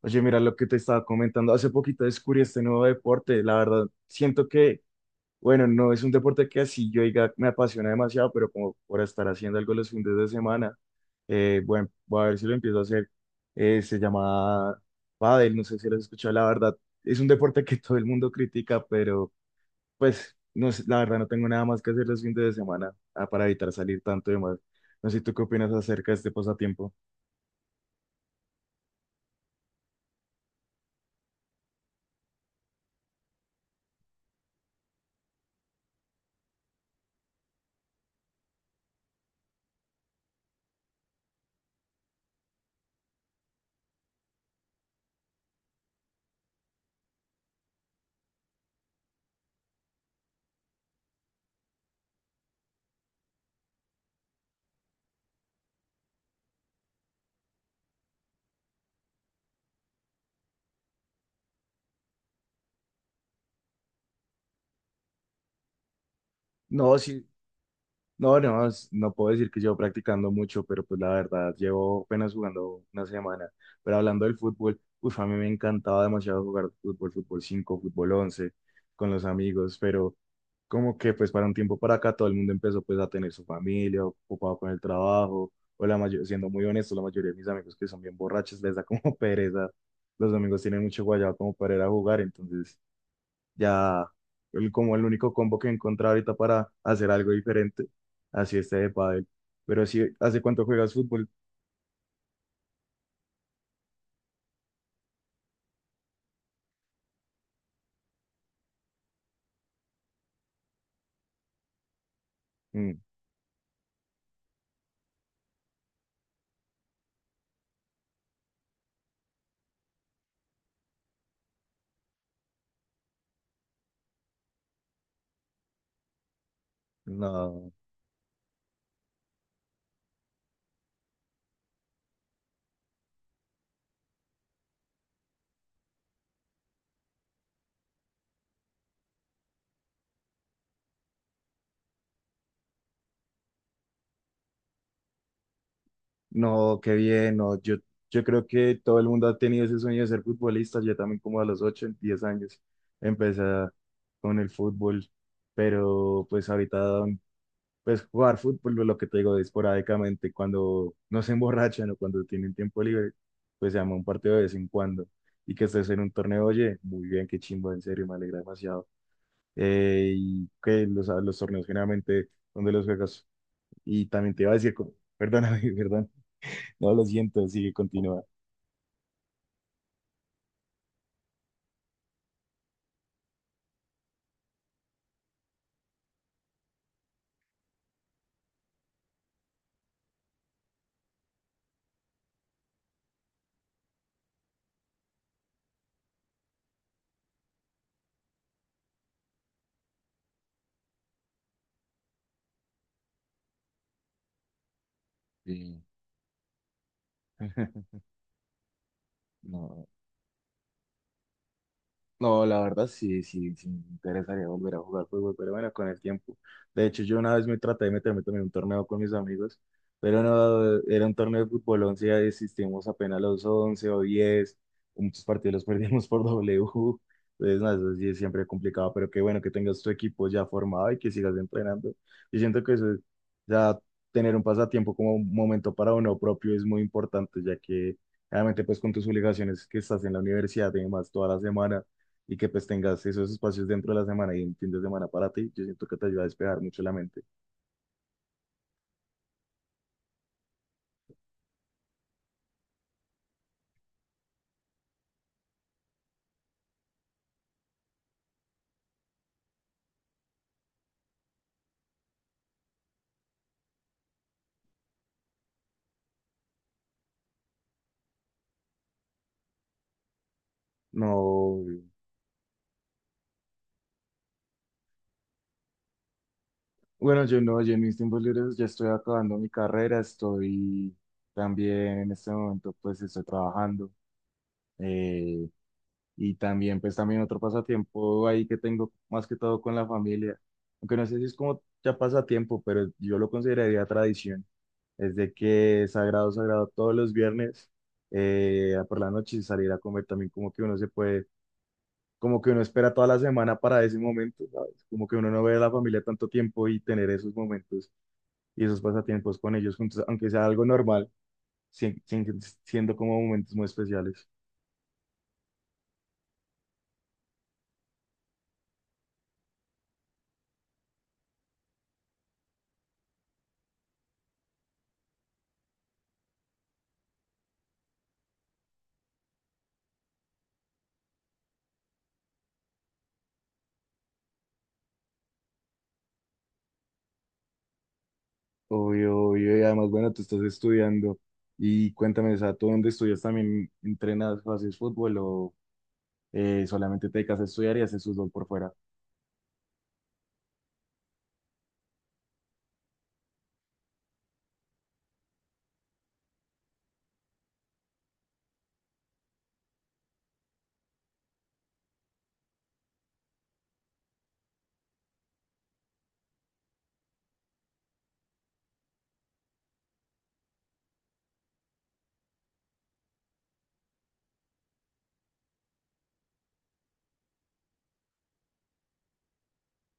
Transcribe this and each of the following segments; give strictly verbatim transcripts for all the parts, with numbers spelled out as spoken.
Oye, mira lo que te estaba comentando. Hace poquito descubrí este nuevo deporte. La verdad, siento que, bueno, no es un deporte que así yo diga me apasiona demasiado, pero como por estar haciendo algo los fines de semana, eh, bueno, voy a ver si lo empiezo a hacer. Eh, se llama pádel, no sé si lo has escuchado. La verdad, es un deporte que todo el mundo critica, pero pues, no sé, la verdad, no tengo nada más que hacer los fines de semana ah, para evitar salir tanto y más. No sé, ¿tú qué opinas acerca de este pasatiempo? No, sí. No, no, es- no puedo decir que llevo practicando mucho, pero pues la verdad, llevo apenas jugando una semana. Pero hablando del fútbol, uff, a mí me encantaba demasiado jugar fútbol, fútbol cinco, fútbol once, con los amigos, pero como que pues para un tiempo para acá todo el mundo empezó pues a tener su familia, ocupado con el trabajo, o la mayoría, siendo muy honesto, la mayoría de mis amigos que son bien borrachos les da como pereza. Los amigos tienen mucho guayado como para ir a jugar, entonces ya el- como el único combo que encontré ahorita para hacer algo diferente, así este de pádel. Pero, si, ¿hace cuánto juegas fútbol? Mm, no, no, qué bien. No, yo, yo, creo que todo el mundo ha tenido ese sueño de ser futbolista. Yo también como a los ocho diez años empecé con el fútbol, pero pues ahorita, pues jugar fútbol, lo que te digo, esporádicamente, cuando no se emborrachan o cuando tienen tiempo libre, pues se llama un partido de vez en cuando. Y que estés en un torneo, oye, muy bien, qué chimbo, en serio, me alegra demasiado. Eh, y que los, los torneos generalmente, donde los juegas? Y también te iba a decir, co- perdóname, perdón, no, lo siento, sigue, continúa. Sí, no. No, la verdad, sí, sí, sí, me interesaría volver a jugar fútbol, pero bueno, con el tiempo. De hecho, yo una vez me traté de meterme también en un torneo con mis amigos, pero no, era un torneo de fútbol once. Ya desistimos apenas, los once o diez muchos partidos los perdimos por W. Entonces, nada, eso sí es siempre complicado, pero qué bueno que tengas tu equipo ya formado y que sigas entrenando. Yo siento que eso, es- ya tener un pasatiempo como un momento para uno propio es muy importante, ya que... realmente, pues con tus obligaciones, que estás en la universidad y demás toda la semana, y que pues tengas esos espacios dentro de la semana y un fin de semana para ti, yo siento que te ayuda a despejar mucho la mente. No, bueno, yo no, yo en mis tiempos libres, ya estoy acabando mi carrera, estoy también en este momento, pues estoy trabajando, eh, y también, pues también otro pasatiempo ahí que tengo más que todo con la familia, aunque no sé si es como ya pasatiempo, pero yo lo consideraría tradición, es de que sagrado, sagrado todos los viernes, eh, por la noche salir a comer, también como que uno se puede, como que uno espera toda la semana para ese momento, ¿sabes? Como que uno no ve a la familia tanto tiempo y tener esos momentos y esos pasatiempos con ellos juntos, aunque sea algo normal, sien- sien- siendo como momentos muy especiales. Obvio, obvio, y además, bueno, tú estás estudiando y cuéntame, o sea, ¿tú dónde estudias también? ¿Entrenas o haces fútbol o eh, solamente te dedicas a estudiar y haces fútbol por fuera?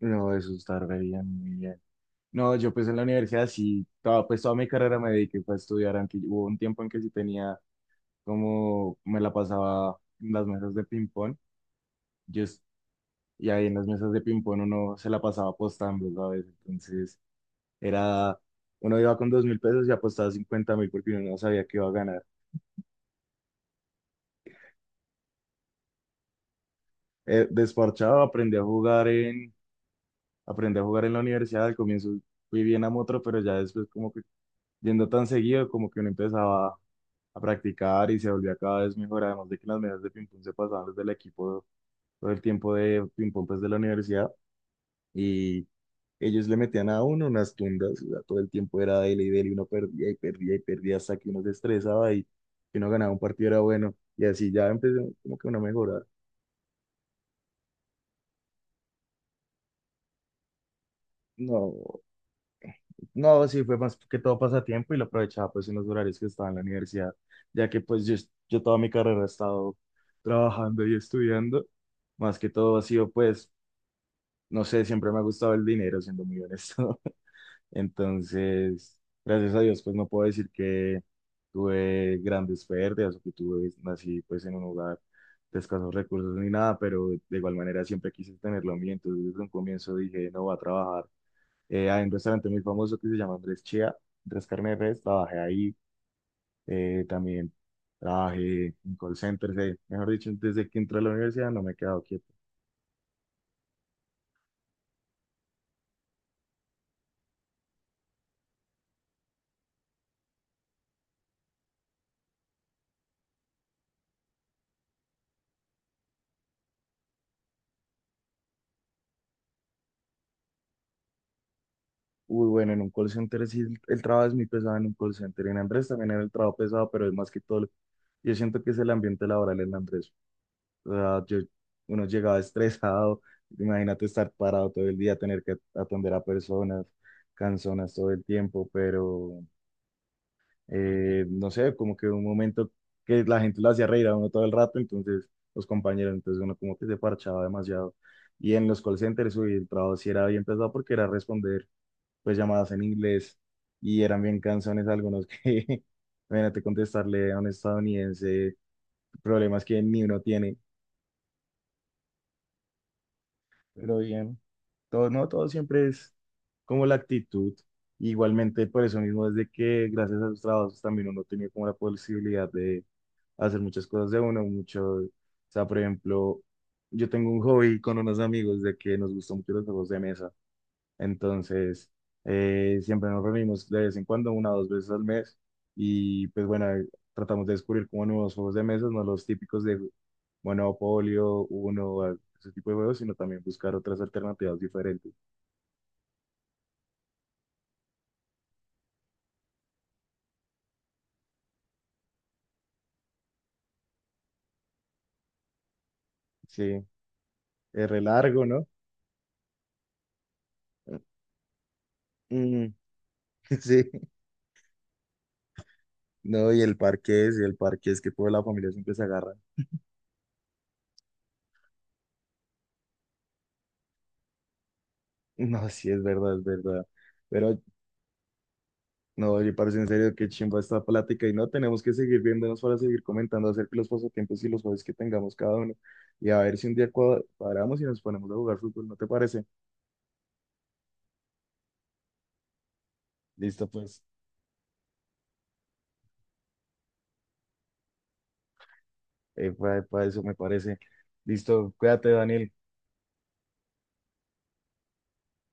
No, eso está re bien, muy bien. No, yo pues en la universidad sí, toda, pues toda mi carrera me dediqué fue a estudiar, aunque hubo un tiempo en que sí tenía, como me la pasaba en las mesas de ping-pong, yo, es- y ahí en las mesas de ping-pong uno se la pasaba apostando, ¿sabes? Entonces, era, uno iba con dos mil pesos y apostaba cincuenta mil porque uno no sabía que iba a ganar. Eh, desparchado, aprendí a jugar en, aprendí a jugar en la universidad. Al comienzo fui bien a motro, pero ya después, como que yendo tan seguido, como que uno empezaba a practicar y se volvía cada vez mejor, además de que en las mesas de ping-pong se pasaban, desde el equipo todo el tiempo de ping-pong pues de la universidad, ellos le metían a uno unas tundas. O sea, todo el tiempo era dele y dele, y uno perdía y perdía y perdía hasta que uno se estresaba, y que uno ganaba un partido era bueno, y así ya empezó como que una mejora. No, no, sí fue más que todo pasatiempo y lo aprovechaba pues en los horarios que estaba en la universidad, ya que pues yo, yo toda mi carrera he estado trabajando y estudiando, más que todo ha sido pues, no sé, siempre me ha gustado el dinero, siendo muy honesto. Entonces, gracias a Dios, pues no puedo decir que tuve grandes pérdidas o que tuve, nací pues en un hogar de escasos recursos ni nada, pero de igual manera siempre quise tenerlo mío. Entonces, desde un comienzo dije, no, voy a trabajar. Eh, hay un restaurante muy famoso que se llama Andrés Chía, Andrés Carne de Res, trabajé ahí. Eh, también trabajé en call centers. Eh, mejor dicho, desde que entré a la universidad, no me he quedado quieto. Uy, bueno, en un call center sí, el, el trabajo es muy pesado en un call center. En Andrés también era el trabajo pesado, pero es más que todo, yo siento que es el ambiente laboral en Andrés. O sea, yo- uno llegaba estresado, imagínate estar parado todo el día, tener que atender a personas canzonas todo el tiempo, pero eh, no sé, como que un momento que la gente lo hacía reír a uno todo el rato, entonces los compañeros, entonces uno como que se parchaba demasiado. Y en los call centers, uy, el trabajo sí era bien pesado porque era responder pues llamadas en inglés, y eran bien canzones algunos que, imagínate contestarle a un estadounidense problemas que ni uno tiene. Pero bien, todo, no, todo siempre es como la actitud. Igualmente, por eso mismo, desde que gracias a sus trabajos también uno tenía como la posibilidad de hacer muchas cosas de uno, mucho, o sea, por ejemplo, yo tengo un hobby con unos amigos de que nos gustan mucho los juegos de mesa. Entonces, eh, siempre nos reunimos de vez en cuando, una o dos veces al mes, y pues bueno, eh, tratamos de descubrir como nuevos juegos de mesa, no los típicos de Monopolio, Uno, eh, ese tipo de juegos, sino también buscar otras alternativas diferentes. Sí, es re largo, ¿no? Mm, sí, no, y el parque es y el parque es que toda la familia siempre se agarra. No, sí, es verdad, es verdad. Pero no, oye, parece en serio que chimba esta plática, y no tenemos que seguir viéndonos para seguir comentando acerca de los pasatiempos y los hobbies que tengamos cada uno. Y a ver si un día cua- cuadramos y nos ponemos a jugar fútbol, ¿no te parece? Listo, pues, eh, para, eso me parece. Listo, cuídate, Daniel.